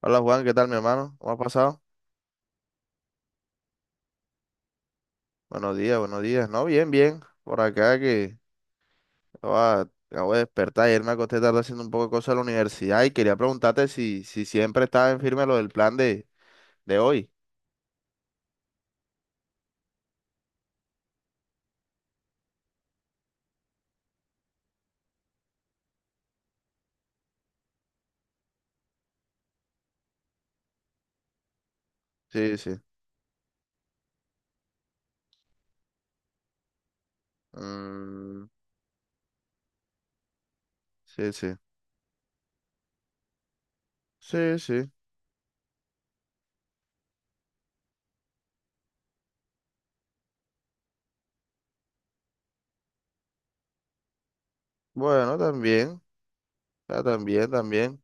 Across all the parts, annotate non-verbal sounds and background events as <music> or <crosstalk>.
Hola Juan, ¿qué tal mi hermano? ¿Cómo ha pasado? Buenos días, buenos días. No, bien, bien. Por acá que acabo de despertar. Ayer me acosté tarde haciendo un poco de cosas en la universidad y quería preguntarte si siempre estaba en firme lo del plan de hoy. Sí, sí. Mm, sí, sí. Sí, sí. Bueno, también. Ah, también, también.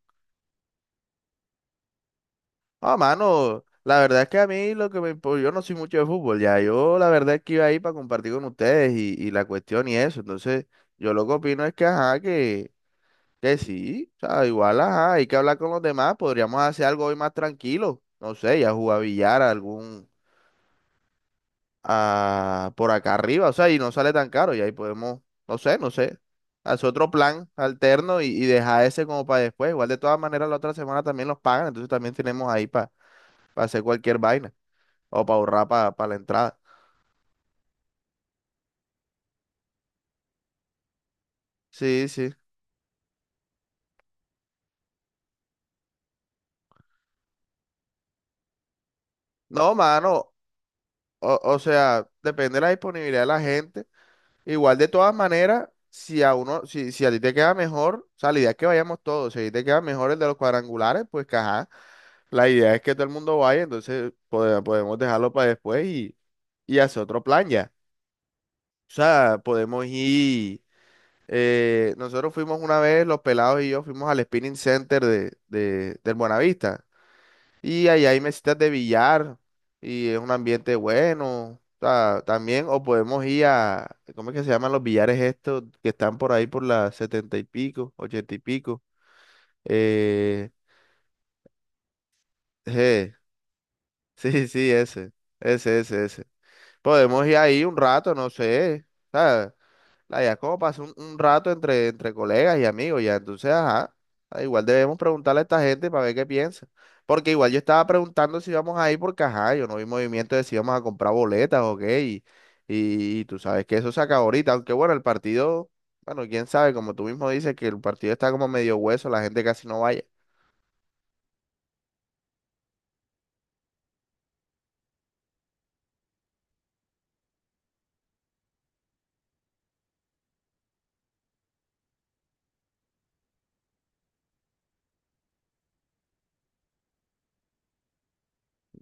Ah, mano, la verdad es que a mí lo que me... yo no soy mucho de fútbol, ya. Yo la verdad es que iba ahí para compartir con ustedes y la cuestión y eso. Entonces, yo lo que opino es que, ajá, que... Que sí, o sea, igual, ajá, hay que hablar con los demás, podríamos hacer algo hoy más tranquilo, no sé, ya jugar billar algún, ah por acá arriba, o sea, y no sale tan caro, y ahí podemos, no sé, hacer otro plan alterno y dejar ese como para después, igual de todas maneras la otra semana también los pagan, entonces también tenemos ahí para hacer cualquier vaina, o para ahorrar para la entrada. Sí, sí. No, mano, o sea, depende de la disponibilidad de la gente. Igual de todas maneras, si a uno, si a ti te queda mejor, o sea, la idea es que vayamos todos, si a ti te queda mejor el de los cuadrangulares, pues que ajá, la idea es que todo el mundo vaya, entonces podemos dejarlo para después y hacer otro plan ya. O sea, podemos ir, nosotros fuimos una vez, los pelados y yo fuimos al Spinning Center del Buenavista. Y ahí hay mesitas de billar y es un ambiente bueno. O sea, también, o podemos ir a, ¿cómo es que se llaman los billares estos que están por ahí por las setenta y pico, ochenta y pico? Eh, <laughs> je, sí, sí, ese, ese. Podemos ir ahí un rato, no sé. ¿Sabes? La idea es como pasar un rato entre colegas y amigos, ya. Entonces, ajá. Igual debemos preguntarle a esta gente para ver qué piensa. Porque igual yo estaba preguntando si íbamos a ir porque, ajá, yo no vi movimiento de si íbamos a comprar boletas o qué. Y tú sabes que eso se acaba ahorita. Aunque bueno, el partido, bueno, quién sabe, como tú mismo dices, que el partido está como medio hueso, la gente casi no vaya.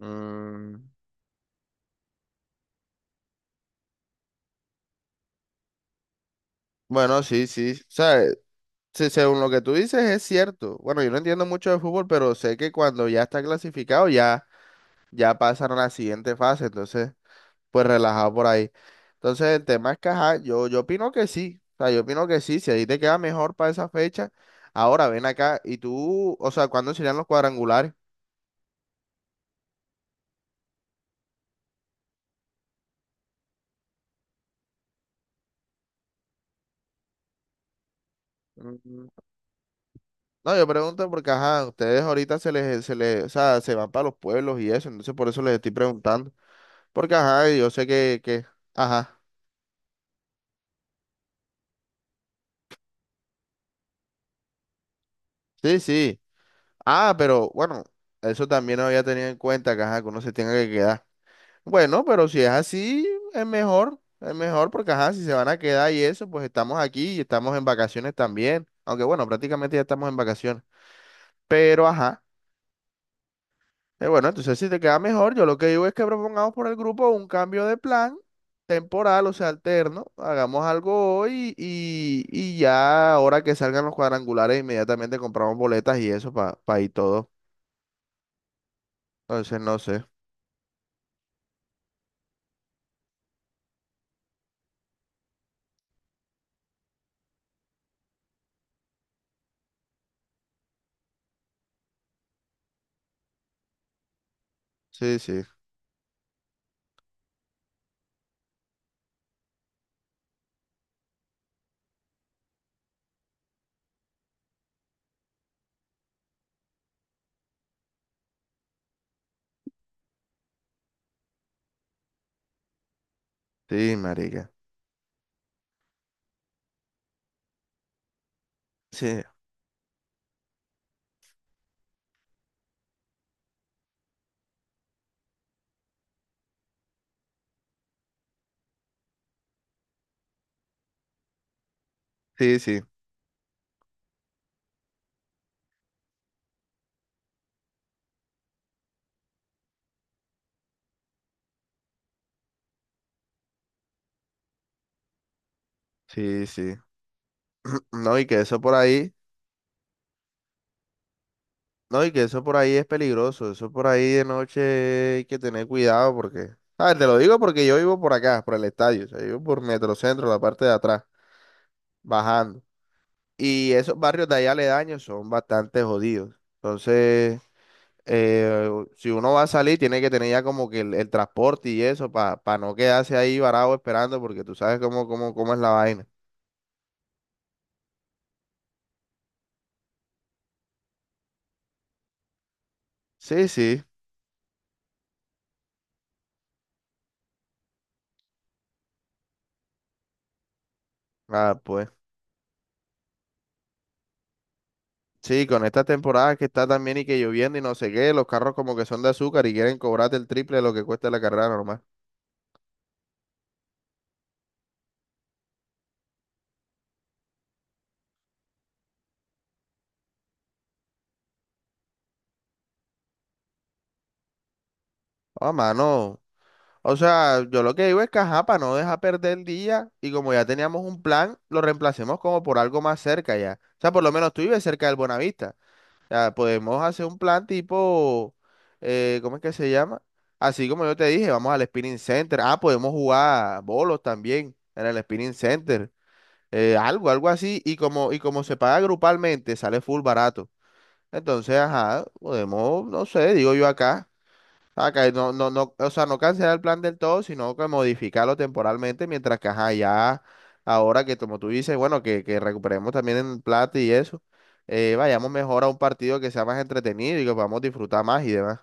Mm, bueno, sí, sí. O sea, sí, según lo que tú dices es cierto. Bueno, yo no entiendo mucho de fútbol, pero sé que cuando ya está clasificado ya, ya pasan a la siguiente fase, entonces pues relajado por ahí. Entonces el tema es que, ajá, yo opino que sí, o sea, yo opino que sí, si ahí te queda mejor para esa fecha, ahora ven acá y tú, o sea, ¿cuándo serían los cuadrangulares? Mm, no, yo pregunto porque, ajá, ustedes ahorita se les, o sea, se van para los pueblos y eso, entonces por eso les estoy preguntando, porque, ajá, yo sé que, ajá, sí, sí. Ah, pero bueno, eso también no había tenido en cuenta, que, ajá, que uno se tenga que quedar. Bueno, pero si es así, es mejor porque, ajá, si se van a quedar y eso, pues estamos aquí y estamos en vacaciones también. Aunque bueno, prácticamente ya estamos en vacaciones. Pero, ajá, bueno, entonces si te queda mejor, yo lo que digo es que propongamos por el grupo un cambio de plan temporal, o sea, alterno. Hagamos algo hoy y ya ahora que salgan los cuadrangulares, inmediatamente compramos boletas y eso para ir todo. Entonces, no sé. Sí, sí. Sí, marica. Sí, sí, sí, sí, sí. <clears throat> No, y que eso por ahí, no, y que eso por ahí es peligroso. Eso por ahí de noche hay que tener cuidado porque, ah, te lo digo porque yo vivo por acá, por el estadio, o sea, yo vivo por Metrocentro, la parte de atrás, bajando. Y esos barrios de allá aledaños son bastante jodidos. Entonces, eh, si uno va a salir, tiene que tener ya como que el transporte y eso para no quedarse ahí varado esperando porque tú sabes cómo es la vaina. Sí, sí. Ah, pues. Sí, con estas temporadas que está también y que lloviendo y no sé qué, los carros como que son de azúcar y quieren cobrarte el triple de lo que cuesta la carrera normal. Ah, mano. O sea, yo lo que digo es que ajá, para no dejar perder el día y como ya teníamos un plan, lo reemplacemos como por algo más cerca ya. O sea, por lo menos tú vives cerca del Bonavista. O sea, podemos hacer un plan tipo, ¿cómo es que se llama? Así como yo te dije, vamos al Spinning Center. Ah, podemos jugar bolos también en el Spinning Center. Algo, algo así, y como se paga grupalmente, sale full barato. Entonces, ajá, podemos, no sé, digo yo acá, acá no, o sea, no cancelar el plan del todo, sino que modificarlo temporalmente, mientras que ajá, ya, ahora que como tú dices, bueno, que recuperemos también en plata y eso, vayamos mejor a un partido que sea más entretenido y que podamos disfrutar más y demás.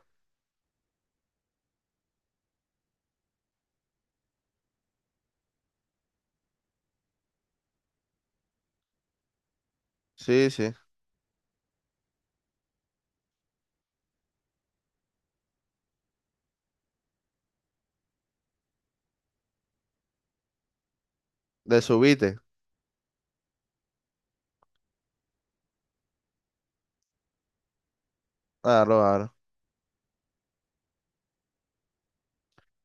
Sí, sí, de subite. Claro, claro.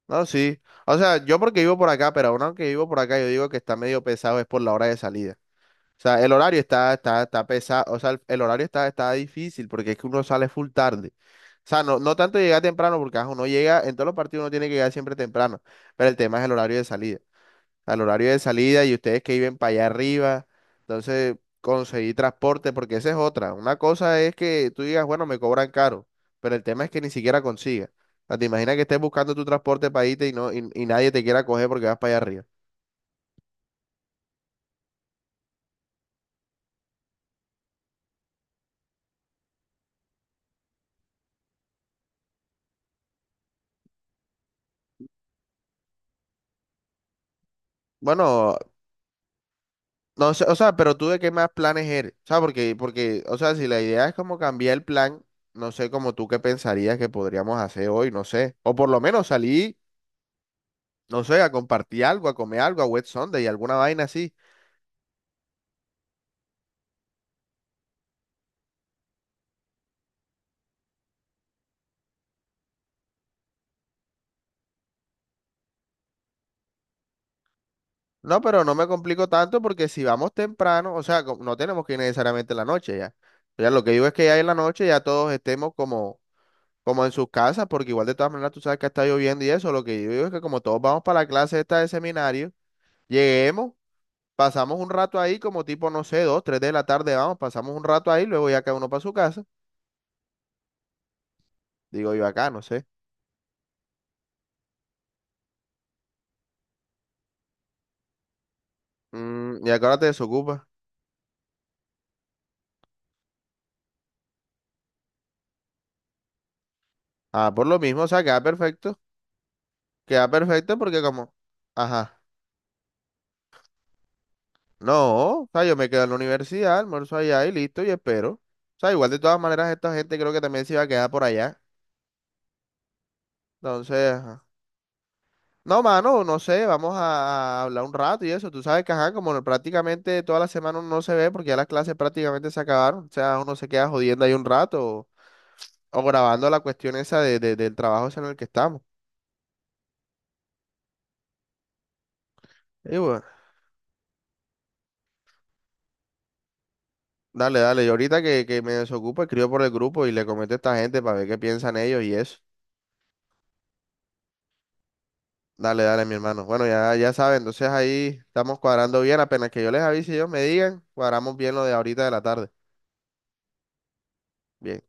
No, sí. O sea, yo porque vivo por acá, pero aún aunque vivo por acá, yo digo que está medio pesado es por la hora de salida. O sea, el horario está pesado, o sea, el horario está difícil porque es que uno sale full tarde. O sea, no tanto llegar temprano porque ajá, uno llega, en todos los partidos uno tiene que llegar siempre temprano, pero el tema es el horario de salida. O sea, el horario de salida y ustedes que viven para allá arriba, entonces conseguir transporte porque esa es otra. Una cosa es que tú digas, bueno, me cobran caro, pero el tema es que ni siquiera consigas. O sea, te imaginas que estés buscando tu transporte para irte y nadie te quiera coger porque vas para allá arriba. Bueno, no, o sea, pero tú de qué más planes eres, o sea, porque, o sea, si la idea es como cambiar el plan, no sé, como tú qué pensarías que podríamos hacer hoy, no sé, o por lo menos salir, no sé, a compartir algo, a comer algo, a Wet Sunday, alguna vaina así. No, pero no me complico tanto porque si vamos temprano, o sea, no tenemos que ir necesariamente en la noche ya. O sea, lo que digo es que ya en la noche ya todos estemos como, como en sus casas, porque igual de todas maneras tú sabes que está lloviendo y eso, lo que yo digo es que como todos vamos para la clase esta de seminario, lleguemos. Pasamos un rato ahí como tipo, no sé, dos, tres de la tarde, vamos, pasamos un rato ahí, luego ya cada uno para su casa. Digo yo acá, no sé. Mm, ¿y a qué hora te desocupas? Ah, por lo mismo, o sea, queda perfecto. Queda perfecto porque como, ajá, no, o sea, yo me quedo en la universidad, almuerzo allá y listo, y espero. O sea, igual de todas maneras esta gente creo que también se iba a quedar por allá. Entonces, ajá. No, mano, no sé, vamos a hablar un rato y eso. Tú sabes que, ajá, como prácticamente toda la semana uno no se ve porque ya las clases prácticamente se acabaron. O sea, uno se queda jodiendo ahí un rato o grabando la cuestión esa de, del trabajo ese en el que estamos. Y bueno, dale, dale. Y ahorita que me desocupo, escribo por el grupo y le comento a esta gente para ver qué piensan ellos y eso. Dale, dale, mi hermano. Bueno, ya, ya saben, entonces ahí estamos cuadrando bien. Apenas que yo les avise y ellos me digan, cuadramos bien lo de ahorita de la tarde. Bien.